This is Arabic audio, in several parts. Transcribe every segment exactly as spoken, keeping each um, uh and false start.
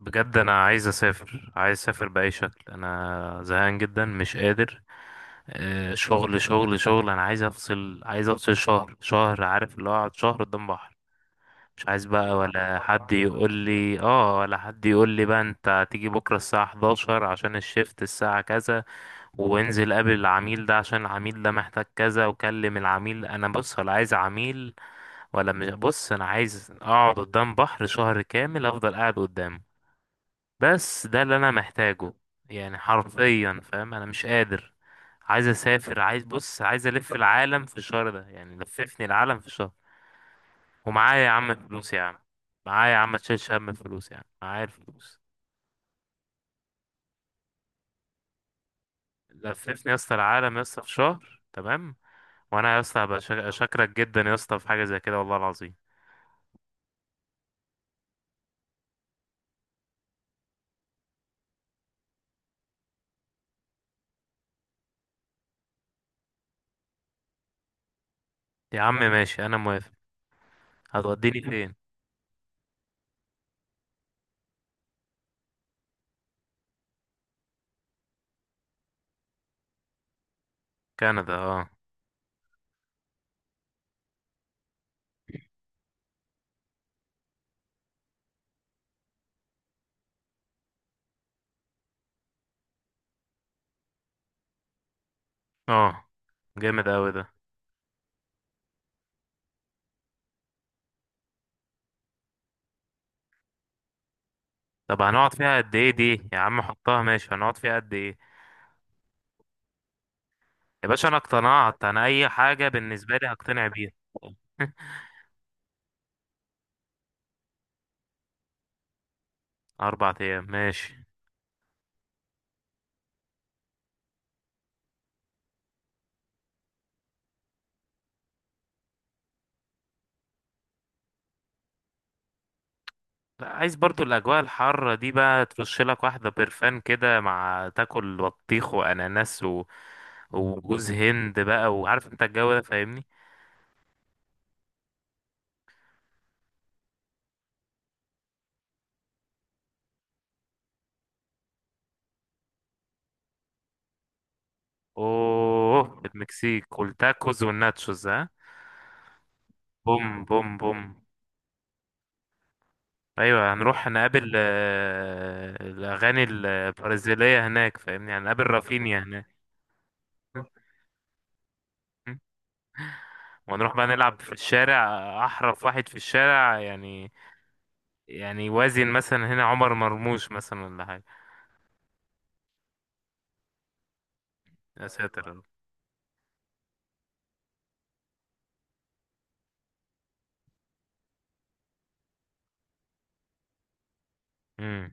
بجد انا عايز اسافر عايز اسافر باي شكل، انا زهقان جدا مش قادر. آه، شغل شغل شغل. انا عايز افصل عايز افصل شهر شهر، عارف اللي هو اقعد شهر قدام بحر. مش عايز بقى ولا حد يقول لي اه، ولا حد يقول لي بقى انت هتيجي بكره الساعه احداشر عشان الشيفت الساعه كذا، وانزل قابل العميل ده عشان العميل ده محتاج كذا، وكلم العميل. انا بص، ولا عايز عميل ولا مش بص، انا عايز اقعد قدام بحر شهر كامل، افضل قاعد قدامه. بس ده اللي انا محتاجه. يعني حرفيا، فاهم انا مش قادر. عايز اسافر، عايز بص، عايز الف العالم في الشهر ده، يعني لففني العالم في الشهر. ومعايا يا عم فلوس يا عم، معايا يا عم، تشيل هم فلوس يا عم، معايا الفلوس. لففني يا اسطى العالم يا اسطى في شهر، تمام. وانا يا اسطى هبقى شا- شاكرك جدا يا اسطى في حاجه زي كده، والله العظيم. يا عم ماشي، انا موافق. هتوديني فين؟ كندا، اه. اه، جامد اوي ده. طب هنقعد فيها قد ايه دي، يا عم حطها ماشي، هنقعد فيها قد ايه؟ يا باشا انا اقتنعت، انا اي حاجة بالنسبة لي هقتنع بيها. اربع ايام ماشي. لا، عايز برضو الاجواء الحارة دي، بقى ترش لك واحدة برفان كده مع تاكل بطيخ واناناس و... وجوز هند بقى، وعارف انت الجو ده فاهمني. اوه، المكسيك والتاكوز والناتشوز، ها. بوم بوم بوم. ايوه، هنروح نقابل آه، الاغاني البرازيلية هناك، فاهمني، هنقابل رافينيا هناك. ونروح بقى نلعب في الشارع، احرف واحد في الشارع يعني، يعني وازن مثلا هنا عمر مرموش مثلا ولا حاجه. يا ساتر يا رب. امم.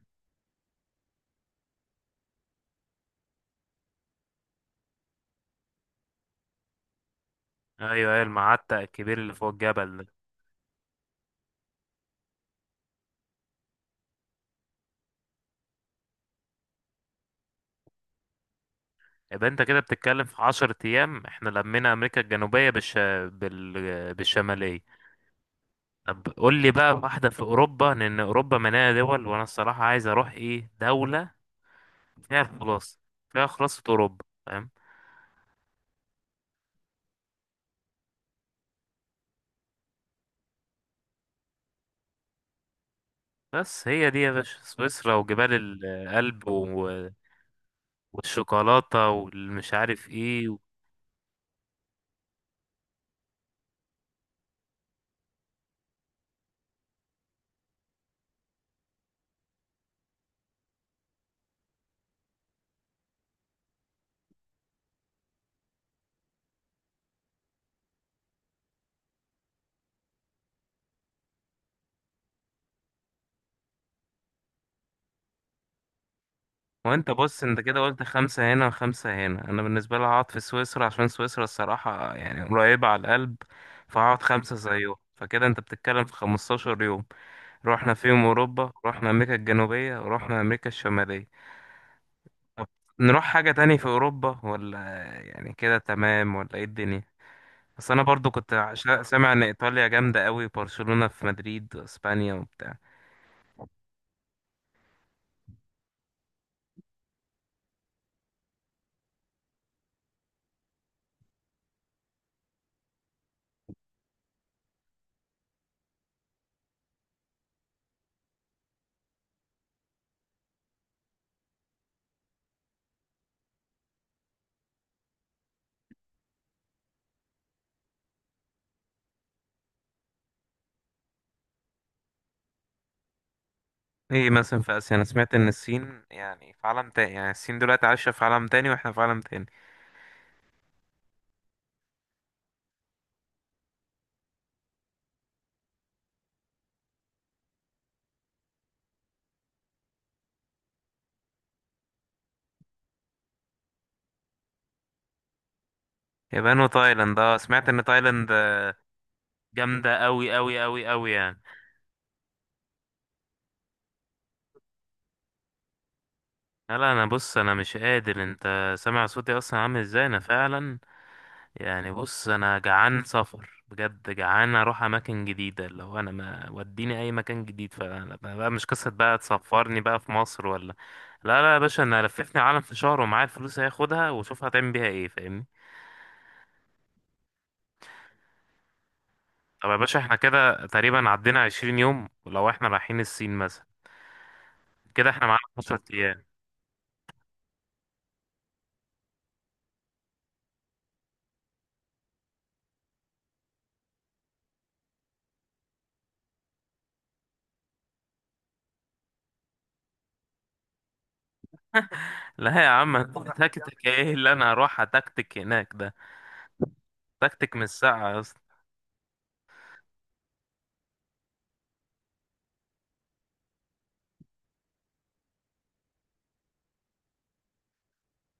ايوه ايوه، المعتق الكبير اللي فوق الجبل ده. يبقى انت كده بتتكلم في عشر ايام، احنا لمينا امريكا الجنوبيه، بالش... بال... بالشماليه. طب قول لي بقى واحده في اوروبا، لان اوروبا مليانه دول، وانا الصراحه عايز اروح ايه دوله فيها الخلاصه، فيها خلاصه اوروبا، فاهم. بس هي دي يا باشا، سويسرا وجبال الألب، و... والشوكولاتة والمش عارف ايه. و... وانت بص، انت كده قلت خمسة هنا وخمسة هنا، انا بالنسبة لي هقعد في سويسرا عشان سويسرا الصراحة يعني قريبة على القلب، فهقعد خمسة زيهم، فكده انت بتتكلم في خمستاشر يوم. رحنا فيهم اوروبا، رحنا امريكا الجنوبية، ورحنا امريكا الشمالية. طب نروح حاجة تاني في اوروبا، ولا يعني كده تمام، ولا ايه الدنيا؟ بس انا برضو كنت عشا- سامع ان ايطاليا جامدة قوي، برشلونة في مدريد واسبانيا وبتاع. ايه مثلا في اسيا، انا سمعت ان الصين يعني في عالم تاني، يعني الصين دلوقتي عايشه في عالم تاني واحنا في عالم تاني. يابان وتايلاند، اه سمعت ان تايلاند جامده قوي قوي قوي قوي يعني. لا لا انا بص، انا مش قادر، انت سامع صوتي اصلا عامل ازاي انا فعلا. يعني بص، انا جعان سفر، بجد جعان اروح اماكن جديده، اللي هو انا ما وديني اي مكان جديد، فانا بقى مش قصه بقى تسفرني بقى في مصر ولا. لا لا يا باشا، انا لففني العالم في شهر، ومعايا الفلوس هاخدها واشوف هتعمل بيها ايه، فاهمني. طب يا باشا احنا كده تقريبا عدينا عشرين يوم، ولو احنا رايحين الصين مثلا كده، احنا معانا عشرة ايام. لا يا عم انت تكتك، ايه اللي انا هروح اتكتك هناك ده، تكتك من الساعة يا اسطى.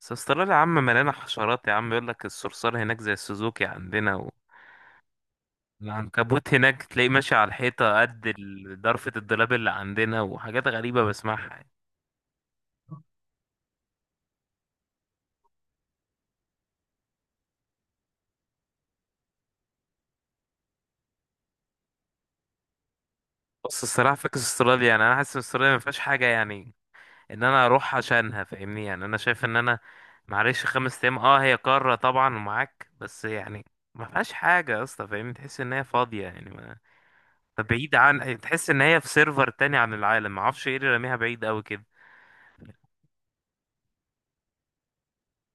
بس استراليا يا عم مليانة حشرات يا عم، يقول لك الصرصار هناك زي السوزوكي عندنا، و... العنكبوت هناك تلاقيه ماشي على الحيطة قد ال- ضرفة الدولاب اللي عندنا، وحاجات غريبة بسمعها يعني. بص الصراحة فاكس استراليا، يعني انا حاسس ان استراليا ما فيهاش حاجة، يعني ان انا اروح عشانها فاهمني. يعني انا شايف ان انا، معلش خمس ايام اه هي قارة طبعا ومعاك، بس يعني ما فيهاش حاجة يا اسطى، فاهمني، تحس ان هي فاضية، يعني ما، فبعيد، عن تحس ان هي في سيرفر تاني عن العالم، ما اعرفش ايه اللي راميها بعيد قوي كده.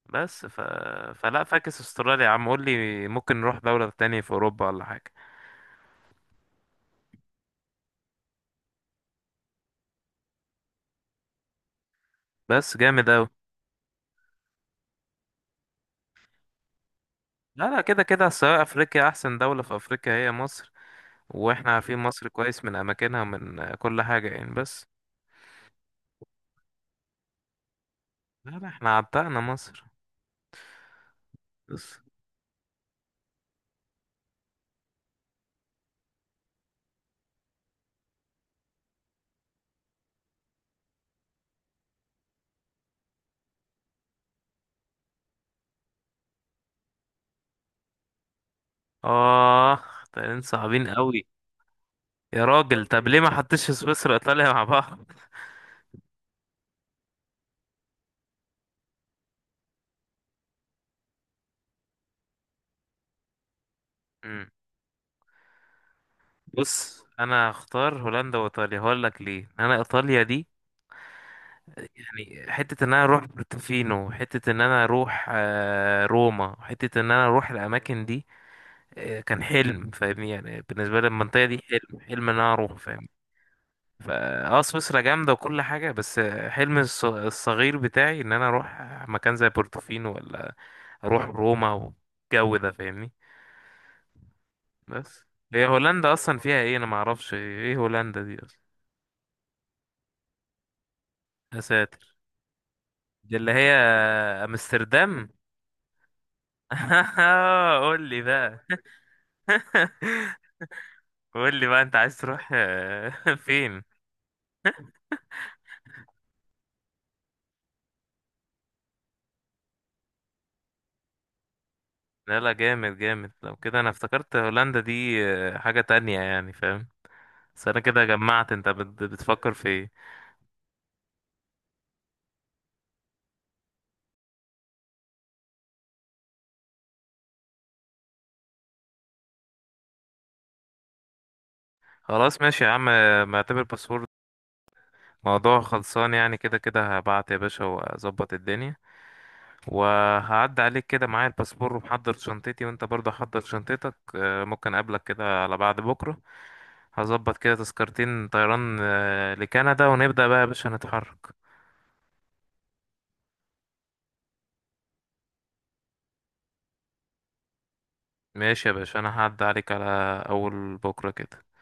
بس ف... فلا فاكس استراليا يا عم، قول لي ممكن نروح دولة تانية في اوروبا ولا حاجة. بس جامد قوي. لا لا، كده كده سواء افريقيا، احسن دولة في افريقيا هي مصر، واحنا عارفين مصر كويس من اماكنها ومن كل حاجة يعني، بس. لا لا، احنا عتقنا مصر. بس آه طيارين صعبين قوي. يا راجل طب ليه ما حطيتش سويسرا وإيطاليا مع بعض؟ مم. بص أنا هختار هولندا وإيطاليا، هقول لك ليه. أنا إيطاليا دي يعني حتة إن أنا أروح بورتوفينو، حتة إن أنا أروح آه، روما، حتة إن أنا أروح الأماكن دي، آه، كان حلم فاهمني، يعني بالنسبة لي المنطقة دي حلم، حلم إن أنا أروح فاهمني. فا اه سويسرا جامدة وكل حاجة، بس حلم الص- الصغير بتاعي إن أنا أروح مكان زي بورتوفينو، ولا أروح روما والجو ده فاهمني. بس هي هولندا اصلا فيها ايه؟ انا ما اعرفش ايه هولندا دي اصلا. يا ساتر، دي اللي هي امستردام. قول لي بقى. قول لي بقى، انت عايز تروح آه، فين؟ لا لا، جامد جامد، لو كده انا افتكرت هولندا دي آه، حاجة تانية يعني، فاهم. بس انا كده جمعت انت بت- بتفكر في ايه. خلاص ماشي يا عم، آه، معتبر باسبور، موضوع خلصان، يعني كده كده هبعت يا باشا واظبط الدنيا، وهعدي عليك كده معايا الباسبور ومحضر شنطتي، وانت برضه حضر شنطتك، آه، ممكن اقابلك كده على بعد بكرة. هظبط كده تذكرتين طيران آه، لكندا، ونبدأ بقى يا باشا نتحرك. ماشي يا باشا، انا هعدي عليك على اول بكرة كده